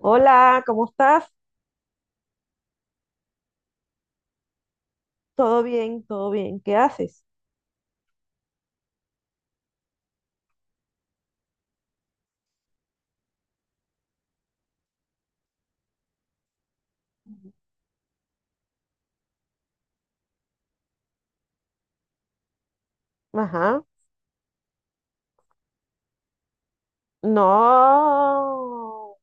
Hola, ¿cómo estás? Todo bien, todo bien. ¿Qué haces? Ajá. No,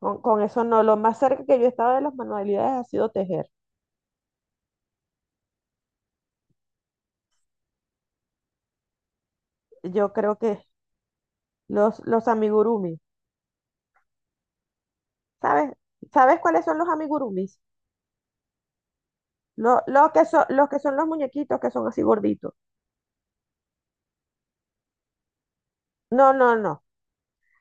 con, eso no. Lo más cerca que yo he estado de las manualidades ha sido tejer. Yo creo que los amigurumis. ¿Sabes? ¿Sabes cuáles son los amigurumis? Lo que son los muñequitos que son así gorditos. No, no, no.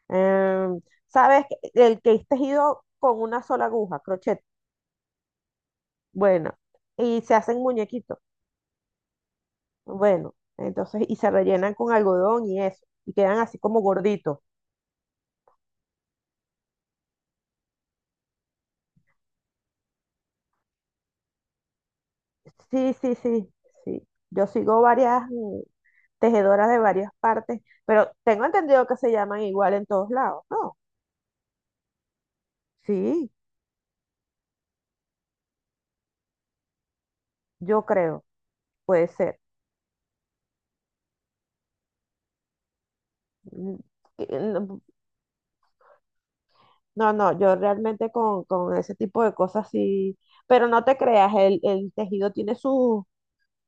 Em, ¿Sabes? El que es tejido con una sola aguja, crochet. Bueno, y se hacen muñequitos. Bueno, entonces, y se rellenan con algodón y eso, y quedan así como gorditos. Sí, sí, sí, sí. Yo sigo varias tejedoras de varias partes, pero tengo entendido que se llaman igual en todos lados, ¿no? Sí, yo creo, puede ser. Mm, No, no, no, yo realmente con, ese tipo de cosas sí, pero no te creas, el tejido tiene sus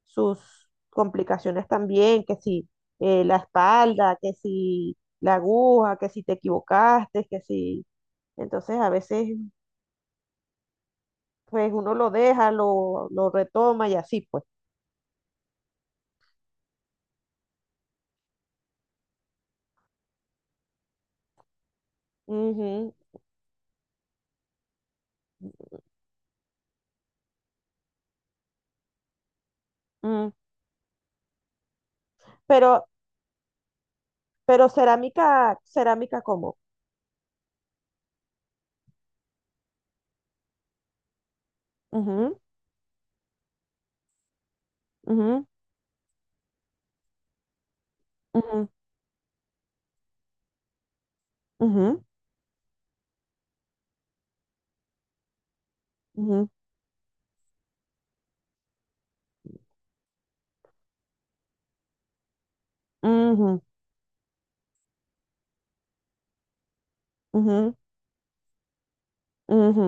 sus complicaciones también, que si la espalda, que si la aguja, que si te equivocaste, que si... Entonces a veces pues uno lo deja, lo retoma y así pues. Ujú, mm. Pero, pero cerámica, cerámica como. Ujú, ujú, ujú, ujú, ujú, ujú, ujú, ujú.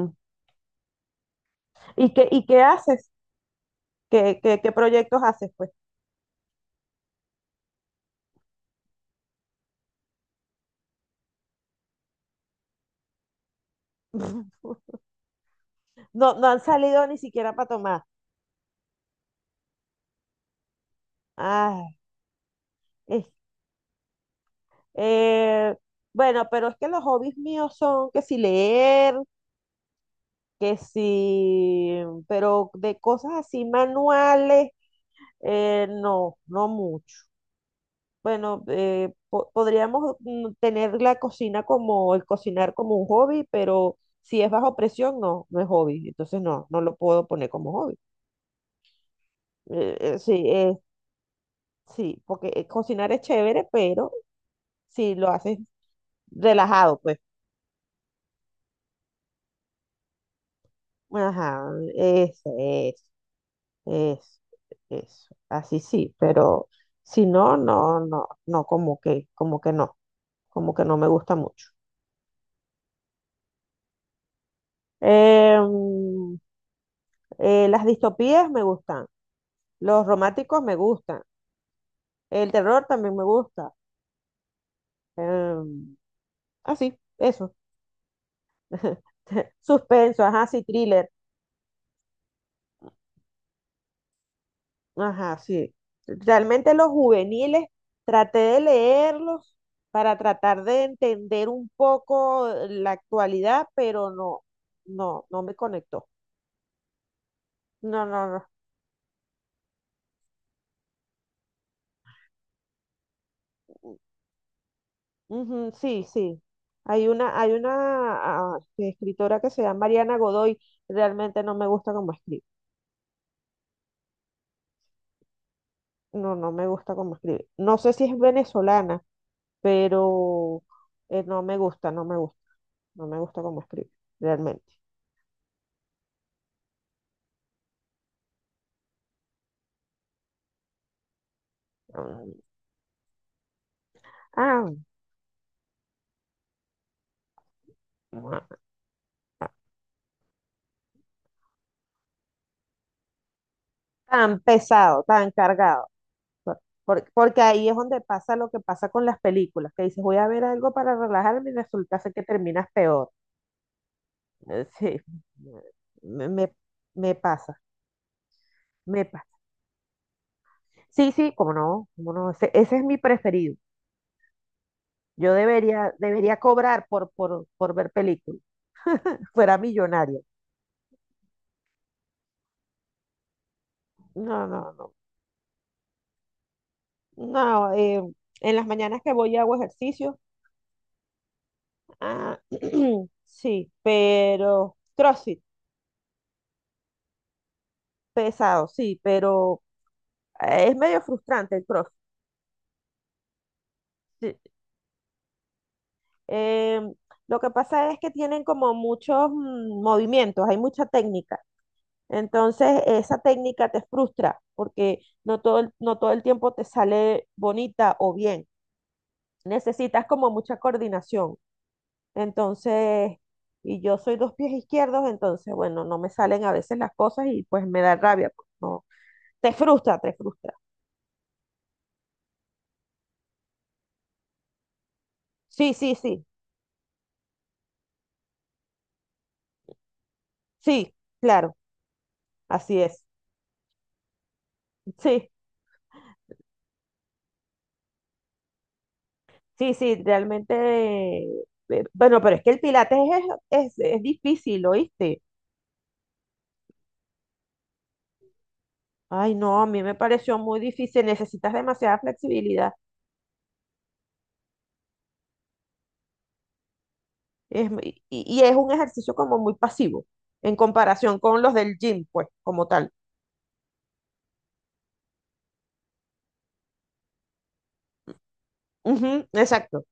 Y qué haces? ¿Qué, qué, qué proyectos haces pues? No, no han salido ni siquiera para tomar. Ay, es Eh, bueno, pero es que los hobbies míos son que si leer, que si, pero de cosas así manuales, no, no mucho. Bueno, po- podríamos tener la cocina como, el cocinar como un hobby, pero si es bajo presión, no, no es hobby. Entonces no, no lo puedo poner como hobby. Sí, sí, porque cocinar es chévere, pero si lo haces relajado, pues, ajá, eso es. Es, eso, así sí, pero si no, no, no, no, como que no me gusta mucho. Em, las distopías me gustan, los románticos me gustan, el terror también me gusta. em, así, eso. Suspenso, ajá, sí, thriller. Ajá, sí. Realmente los juveniles traté de leerlos para tratar de entender un poco la actualidad, pero no, no, no me conectó. No, no, no. Ujú, sí, sí. Hay una escritora que se llama Mariana Godoy. Realmente no me gusta cómo escribe. No, no me gusta cómo escribe. No sé si es venezolana, pero no me gusta, no me gusta, no me gusta cómo escribe, realmente. Mm. Ah, tan pesado, tan cargado. Porque ahí es donde pasa lo que pasa con las películas, que dices, voy a ver algo para relajarme y resulta ser que terminas peor. Sí, me, me- me pasa, me pasa. Sí, sí, cómo no, ese es mi preferido. Yo debería, debería cobrar por ver películas, fuera millonaria. No, no, no. No, en las mañanas que voy y hago ejercicio, ah, sí, pero CrossFit, pesado, sí, pero es medio frustrante el cross. Sí. Eh, lo que pasa es que tienen como muchos movimientos, hay mucha técnica. Entonces, esa técnica te frustra porque no todo el, no todo el tiempo te sale bonita o bien. Necesitas como mucha coordinación. Entonces, y yo soy dos pies izquierdos, entonces, bueno, no me salen a veces las cosas y pues me da rabia. Pues, no. Te frustra, te frustra. Sí, sí, sí, sí, claro, así es. Sí. Sí, sí, realmente, eh, bueno, pero es que el pilates es difícil, ¿oíste? Ay, no, a mí me pareció muy difícil, necesitas demasiada flexibilidad y es un ejercicio como muy pasivo en comparación con los del gym, pues, como tal. Ujú, exacto.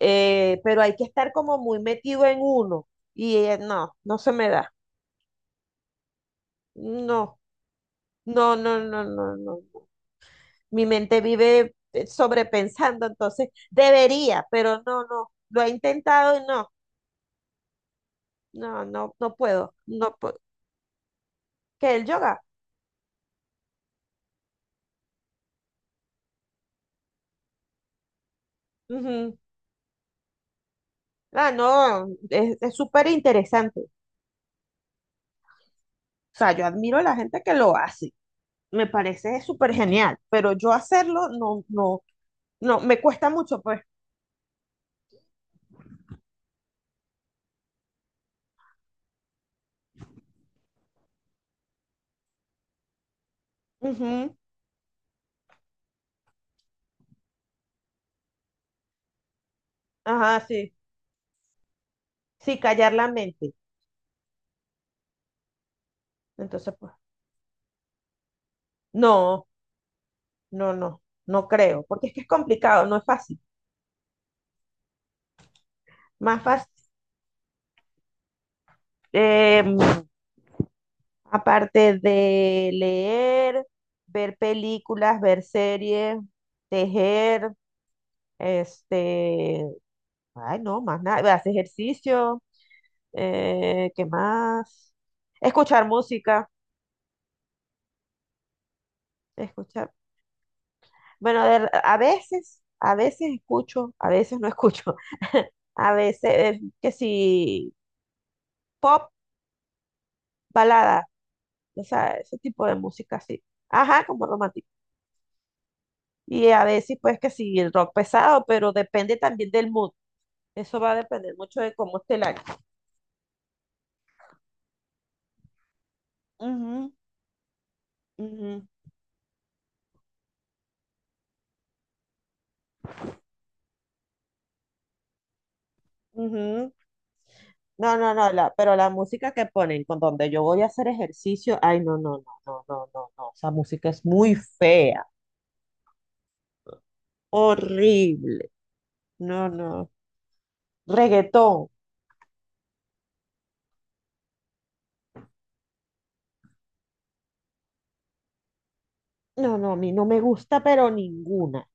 Pero hay que estar como muy metido en uno y no, no se me da, no, no, no, no, no, no. Mi mente vive sobrepensando, entonces debería, pero no, no, lo he intentado y no, no, no, no puedo, no puedo. ¿Qué el yoga? Ujú. Ah, no, es súper interesante. O sea, yo admiro a la gente que lo hace, me parece súper genial, pero yo hacerlo no, no, no, me cuesta mucho, pues. Ujú. Ajá, sí, sí, callar la mente. Entonces, pues, no, no, no, no creo, porque es que es complicado, no es fácil. Más fácil. em, Aparte de leer, ver películas, ver series, tejer, este, ay no, más nada, hacer ejercicio, ¿qué más? Escuchar música, escuchar. Bueno, de- a veces escucho, a veces no escucho. A veces, que si pop, balada, o sea, ese tipo de música así. Ajá, como romántico. Y a veces, pues, que si el rock pesado, pero depende también del mood. Eso va a depender mucho de cómo esté el año. Ujú, ujú, ujú. No, no, no, la, pero la música que ponen con donde yo voy a hacer ejercicio, ay, no, no, no, no, no, no, no, esa música es muy fea, horrible, no, no, reggaetón, no, no, a mí no me gusta, pero ninguna,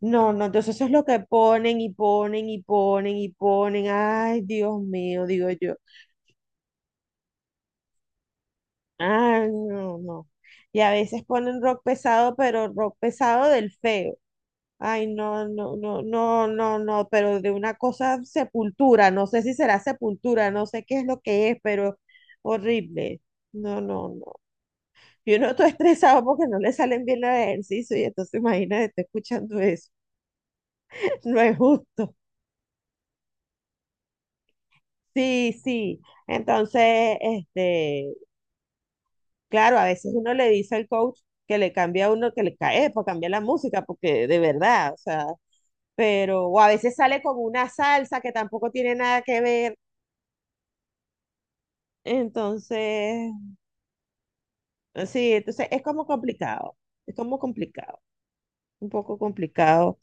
no, no, entonces eso es lo que ponen y ponen y ponen y ponen, ay, Dios mío, digo yo. Ah, no, no. Y a veces ponen rock pesado, pero rock pesado del feo. Ay, no, no, no, no, no, no, pero de una cosa sepultura, no sé si será sepultura, no sé qué es lo que es, pero horrible. No, no, no. Yo no estoy estresado porque no le salen bien los ejercicios y entonces imagínate, estoy escuchando eso. No es justo. Sí, sí. Entonces, este, claro, a veces uno le dice al coach que le cambie a uno, que le cae, para cambiar la música, porque de verdad, o sea, pero, o a veces sale con una salsa que tampoco tiene nada que ver. Entonces, sí, entonces es como complicado, un poco complicado,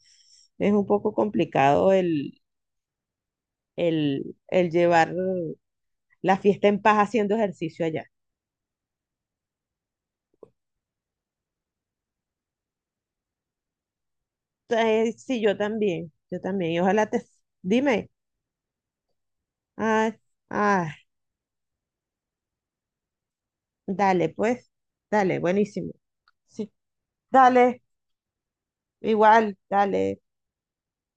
es un poco complicado el llevar la fiesta en paz haciendo ejercicio allá. Entonces, sí, yo también, y ojalá te, dime, ay, ay. Dale, pues, dale, buenísimo. Sí, dale, igual, dale.